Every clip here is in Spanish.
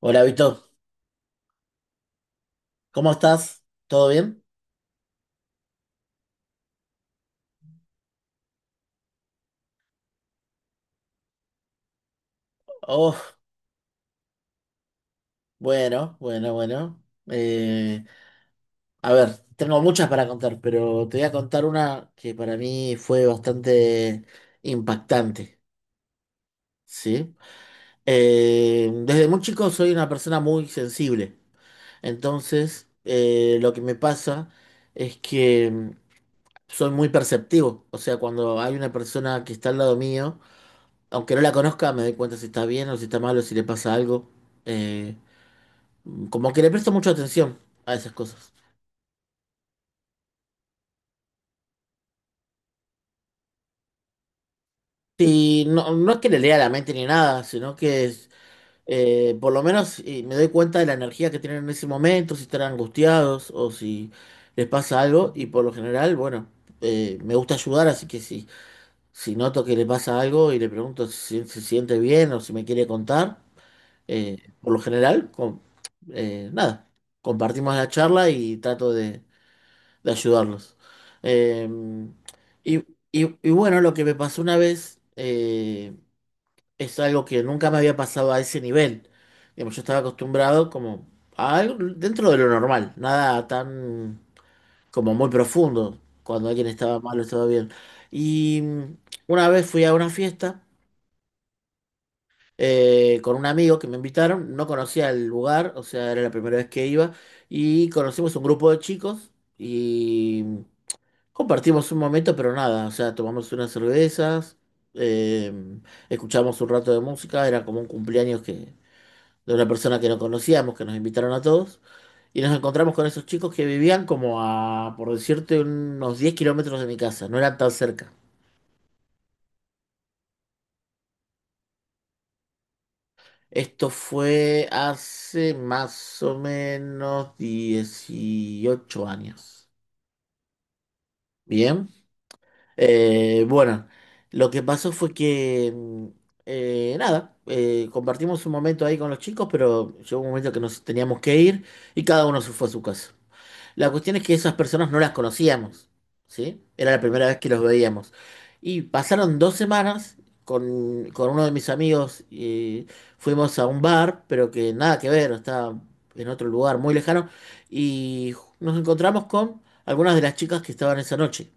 Hola, Vito. ¿Cómo estás? ¿Todo bien? Oh, bueno, bueno, bueno. Eh, a ver, tengo muchas para contar, pero te voy a contar una que para mí fue bastante impactante, ¿sí? Desde muy chico soy una persona muy sensible. Entonces, lo que me pasa es que soy muy perceptivo. O sea, cuando hay una persona que está al lado mío, aunque no la conozca, me doy cuenta si está bien o si está mal o si le pasa algo. Eh, Como que le presto mucha atención a esas cosas. Sí, no, no es que le lea la mente ni nada, sino que es, por lo menos me doy cuenta de la energía que tienen en ese momento, si están angustiados o si les pasa algo. Y por lo general, bueno, me gusta ayudar, así que si noto que le pasa algo y le pregunto si se siente bien o si me quiere contar, por lo general, nada, compartimos la charla y trato de ayudarlos. Eh, y, y bueno, lo que me pasó una vez es algo que nunca me había pasado a ese nivel. Digamos, yo estaba acostumbrado como a algo dentro de lo normal, nada tan como muy profundo, cuando alguien estaba mal o estaba bien. Y una vez fui a una fiesta con un amigo que me invitaron, no conocía el lugar, o sea, era la primera vez que iba, y conocimos un grupo de chicos. Y compartimos un momento, pero nada, o sea, tomamos unas cervezas, eh, escuchamos un rato de música, era como un cumpleaños que, de una persona que no conocíamos, que nos invitaron a todos, y nos encontramos con esos chicos que vivían como a, por decirte, unos 10 kilómetros de mi casa, no eran tan cerca. Esto fue hace más o menos 18 años. Bien. Bueno, lo que pasó fue que, nada, compartimos un momento ahí con los chicos, pero llegó un momento que nos teníamos que ir y cada uno se fue a su casa. La cuestión es que esas personas no las conocíamos, ¿sí? Era la primera vez que los veíamos. Y pasaron 2 semanas con uno de mis amigos y fuimos a un bar, pero que nada que ver, estaba en otro lugar muy lejano, y nos encontramos con algunas de las chicas que estaban esa noche.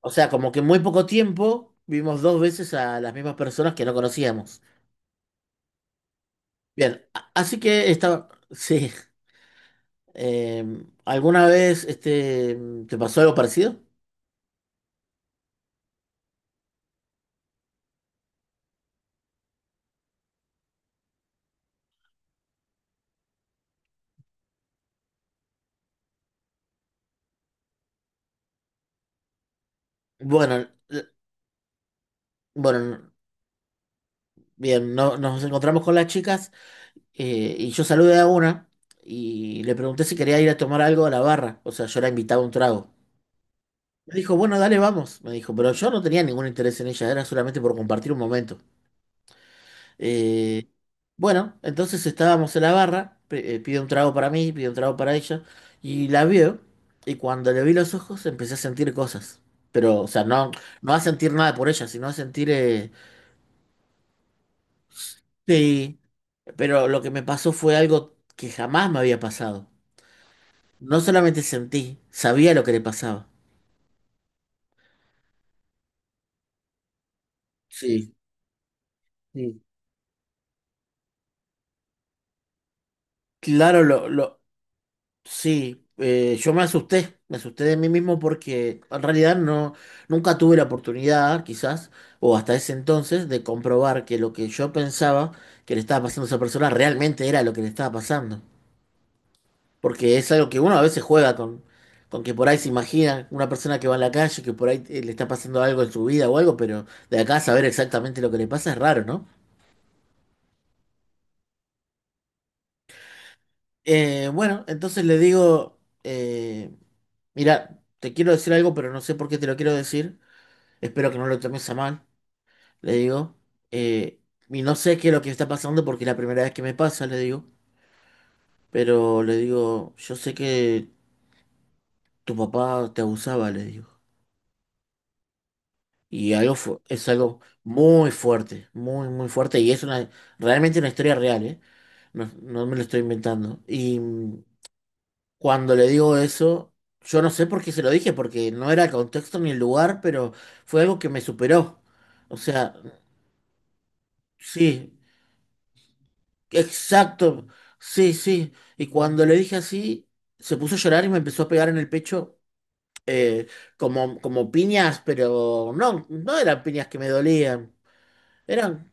O sea, como que en muy poco tiempo vimos 2 veces a las mismas personas que no conocíamos. Bien, así que estaba. Sí. Eh, ¿Alguna vez te pasó algo parecido? Bueno, l- bueno, bien, nos encontramos con las chicas y yo saludé a una y le pregunté si quería ir a tomar algo a la barra. O sea, yo la invitaba a un trago. Me dijo, bueno, dale, vamos. Me dijo, pero yo no tenía ningún interés en ella, era solamente por compartir un momento. Eh, bueno, entonces estábamos en la barra, pide un trago para mí, pide un trago para ella, y la veo, y cuando le vi los ojos empecé a sentir cosas. Pero, o sea, no, no a sentir nada por ella, sino a sentir, sí, pero lo que me pasó fue algo que jamás me había pasado. No solamente sentí, sabía lo que le pasaba. Sí, sí. Claro, sí, yo me asusté de mí mismo porque en realidad no, nunca tuve la oportunidad, quizás, o hasta ese entonces, de comprobar que lo que yo pensaba que le estaba pasando a esa persona realmente era lo que le estaba pasando. Porque es algo que uno a veces juega con que por ahí se imagina una persona que va en la calle, que por ahí le está pasando algo en su vida o algo, pero de acá a saber exactamente lo que le pasa es raro, ¿no? Bueno, entonces le digo, mira, te quiero decir algo, pero no sé por qué te lo quiero decir. Espero que no lo tomes a mal, le digo. Eh, y no sé qué es lo que está pasando porque es la primera vez que me pasa, le digo. Pero le digo, yo sé que tu papá te abusaba, le digo. Y es algo muy fuerte, muy, muy fuerte. Y es realmente una historia real, ¿eh? No, no me lo estoy inventando. Y cuando le digo eso, yo no sé por qué se lo dije, porque no era el contexto ni el lugar, pero fue algo que me superó. O sea, sí, exacto, sí, sí. Y cuando le dije así, se puso a llorar y me empezó a pegar en el pecho eh, como piñas, pero no, no eran piñas que me dolían. Eran,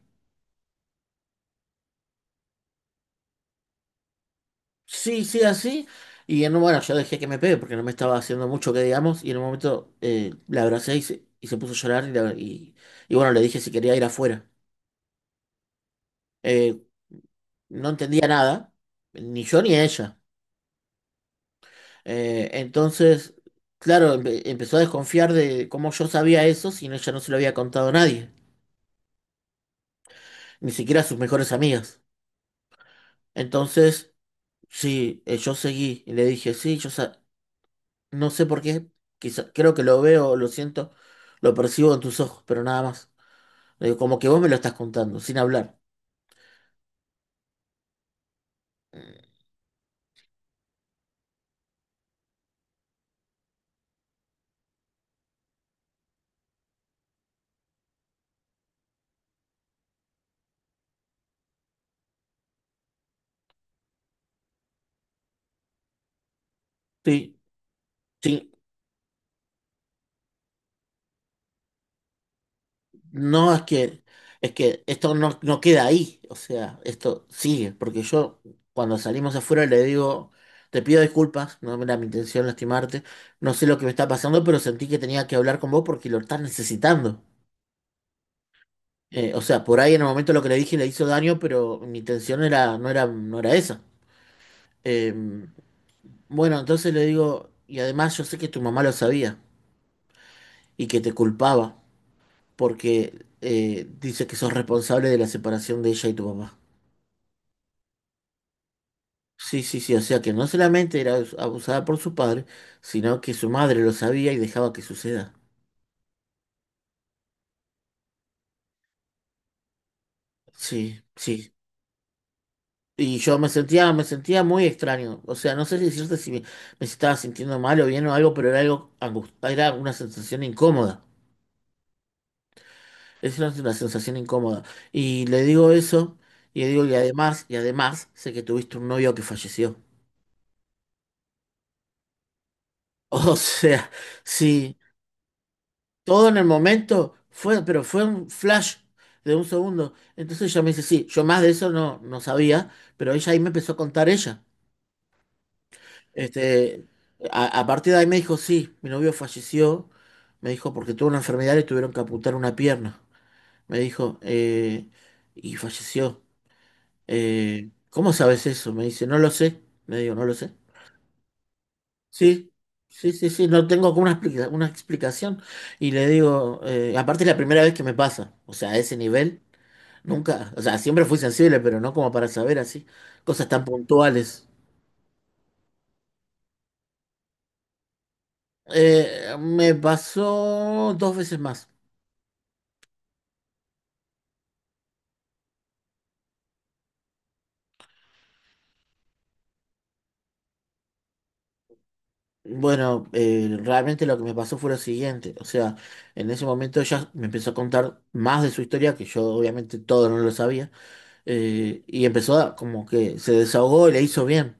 sí, sí, así. Bueno, yo dejé que me pegue porque no me estaba haciendo mucho que digamos. Y en un momento la abracé y se puso a llorar. Y bueno, le dije si quería ir afuera. Eh, no entendía nada, ni yo ni ella. Entonces, claro, empezó a desconfiar de cómo yo sabía eso si ella no se lo había contado a nadie, ni siquiera a sus mejores amigas. Entonces, sí, yo seguí y le dije, sí, no sé por qué, quizá, creo que lo veo, lo siento, lo percibo en tus ojos, pero nada más. Le digo, como que vos me lo estás contando, sin hablar. Sí, sí. No, es que, esto no queda ahí, o sea, esto sigue, porque yo cuando salimos afuera le digo, te pido disculpas, no era mi intención lastimarte, no sé lo que me está pasando, pero sentí que tenía que hablar con vos porque lo estás necesitando. O sea, por ahí en el momento lo que le dije le hizo daño, pero mi intención era, no era esa. Eh, bueno, entonces le digo, y además yo sé que tu mamá lo sabía y que te culpaba, porque dice que sos responsable de la separación de ella y tu papá. Sí, sí, sí, o sea que no solamente era abusada por su padre, sino que su madre lo sabía y dejaba que suceda. Sí, sí. Y yo me sentía muy extraño. O sea, no sé si decirte si me estaba sintiendo mal o bien o algo, pero era era una sensación incómoda. Es una sensación incómoda. Y le digo eso, y le digo, y además, sé que tuviste un novio que falleció. O sea, sí, todo en el momento fue, pero fue un flash de un segundo. Entonces ella me dice, sí, yo más de eso no, no sabía, pero ella ahí me empezó a contar ella. Este, a partir de ahí me dijo, sí, mi novio falleció, me dijo, porque tuvo una enfermedad y tuvieron que amputar una pierna. Me dijo, y falleció. ¿Cómo sabes eso? Me dice, no lo sé. Me digo, no lo sé. Sí, sí, sí, sí, no tengo como una, una explicación. Y le digo, aparte es la primera vez que me pasa, o sea, a ese nivel. Nunca, o sea, siempre fui sensible, pero no como para saber así, cosas tan puntuales. Me pasó 2 veces más. Bueno, realmente lo que me pasó fue lo siguiente, o sea, en ese momento ella me empezó a contar más de su historia, que yo obviamente todo no lo sabía, y empezó a, como que se desahogó y le hizo bien,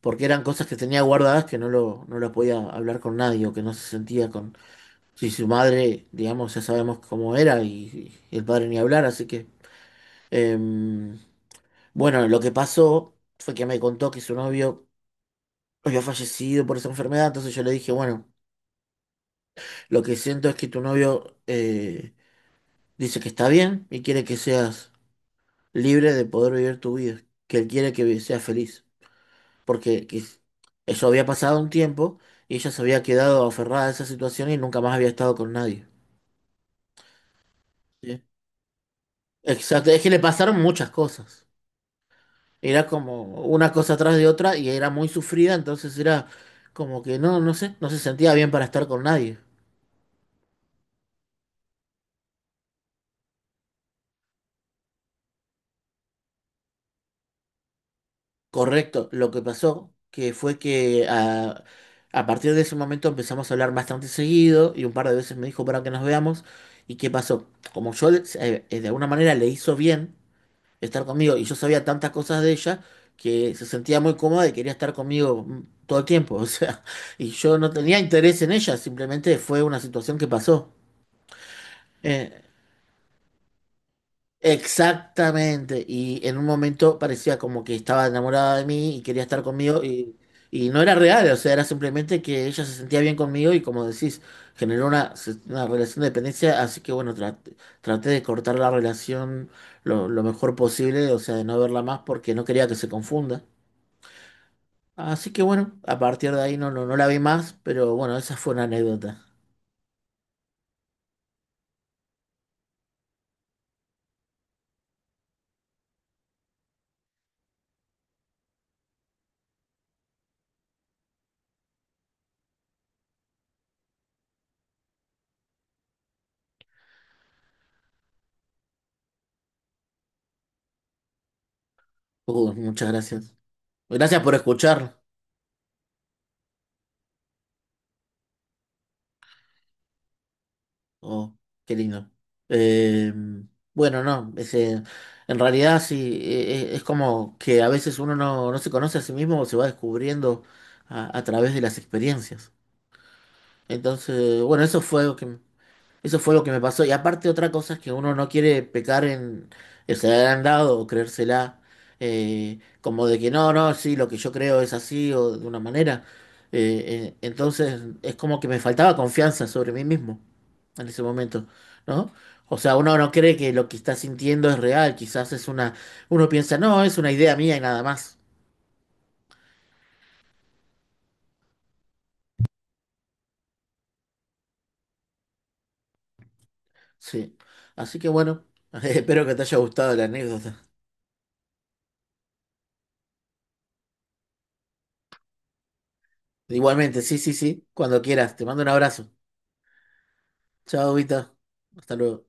porque eran cosas que tenía guardadas que no lo podía hablar con nadie o que no se sentía con. Si su madre, digamos, ya sabemos cómo era y el padre ni hablar, así que. Em, bueno, lo que pasó fue que me contó que su novio había fallecido por esa enfermedad, entonces yo le dije, bueno, lo que siento es que tu novio dice que está bien y quiere que seas libre de poder vivir tu vida, que él quiere que seas feliz, porque que eso había pasado un tiempo y ella se había quedado aferrada a esa situación y nunca más había estado con nadie. ¿Sí? Exacto, es que le pasaron muchas cosas. Era como una cosa atrás de otra y era muy sufrida, entonces era como que no, no sé, no se sentía bien para estar con nadie. Correcto, lo que pasó que fue que a partir de ese momento empezamos a hablar bastante seguido y un par de veces me dijo para que nos veamos. ¿Y qué pasó? Como yo de alguna manera le hizo bien estar conmigo y yo sabía tantas cosas de ella que se sentía muy cómoda y quería estar conmigo todo el tiempo, o sea, y yo no tenía interés en ella, simplemente fue una situación que pasó. Eh, Exactamente, y en un momento parecía como que estaba enamorada de mí y quería estar conmigo y no era real, o sea, era simplemente que ella se sentía bien conmigo y como decís, generó una, una relación de dependencia, así que bueno, traté de cortar la relación lo mejor posible, o sea, de no verla más porque no quería que se confunda. Así que bueno, a partir de ahí no, no, no la vi más, pero bueno, esa fue una anécdota. Muchas gracias. Gracias por escuchar. Oh, qué lindo. Eh, bueno, no, en realidad sí, es como que a veces uno no se conoce a sí mismo o se va descubriendo a través de las experiencias. Entonces, bueno, eso fue lo que me pasó. Y aparte otra cosa es que uno no quiere pecar en ser agrandado o creérsela, como de que no, no, sí, lo que yo creo es así o de una manera. Eh, entonces es como que me faltaba confianza sobre mí mismo en ese momento, ¿no? O sea, uno no cree que lo que está sintiendo es real, quizás es una, uno piensa, no, es una idea mía y nada más. Sí. Así que bueno, espero que te haya gustado la anécdota. Igualmente, sí, sí, sí, cuando quieras, te mando un abrazo. Chao, Vita. Hasta luego.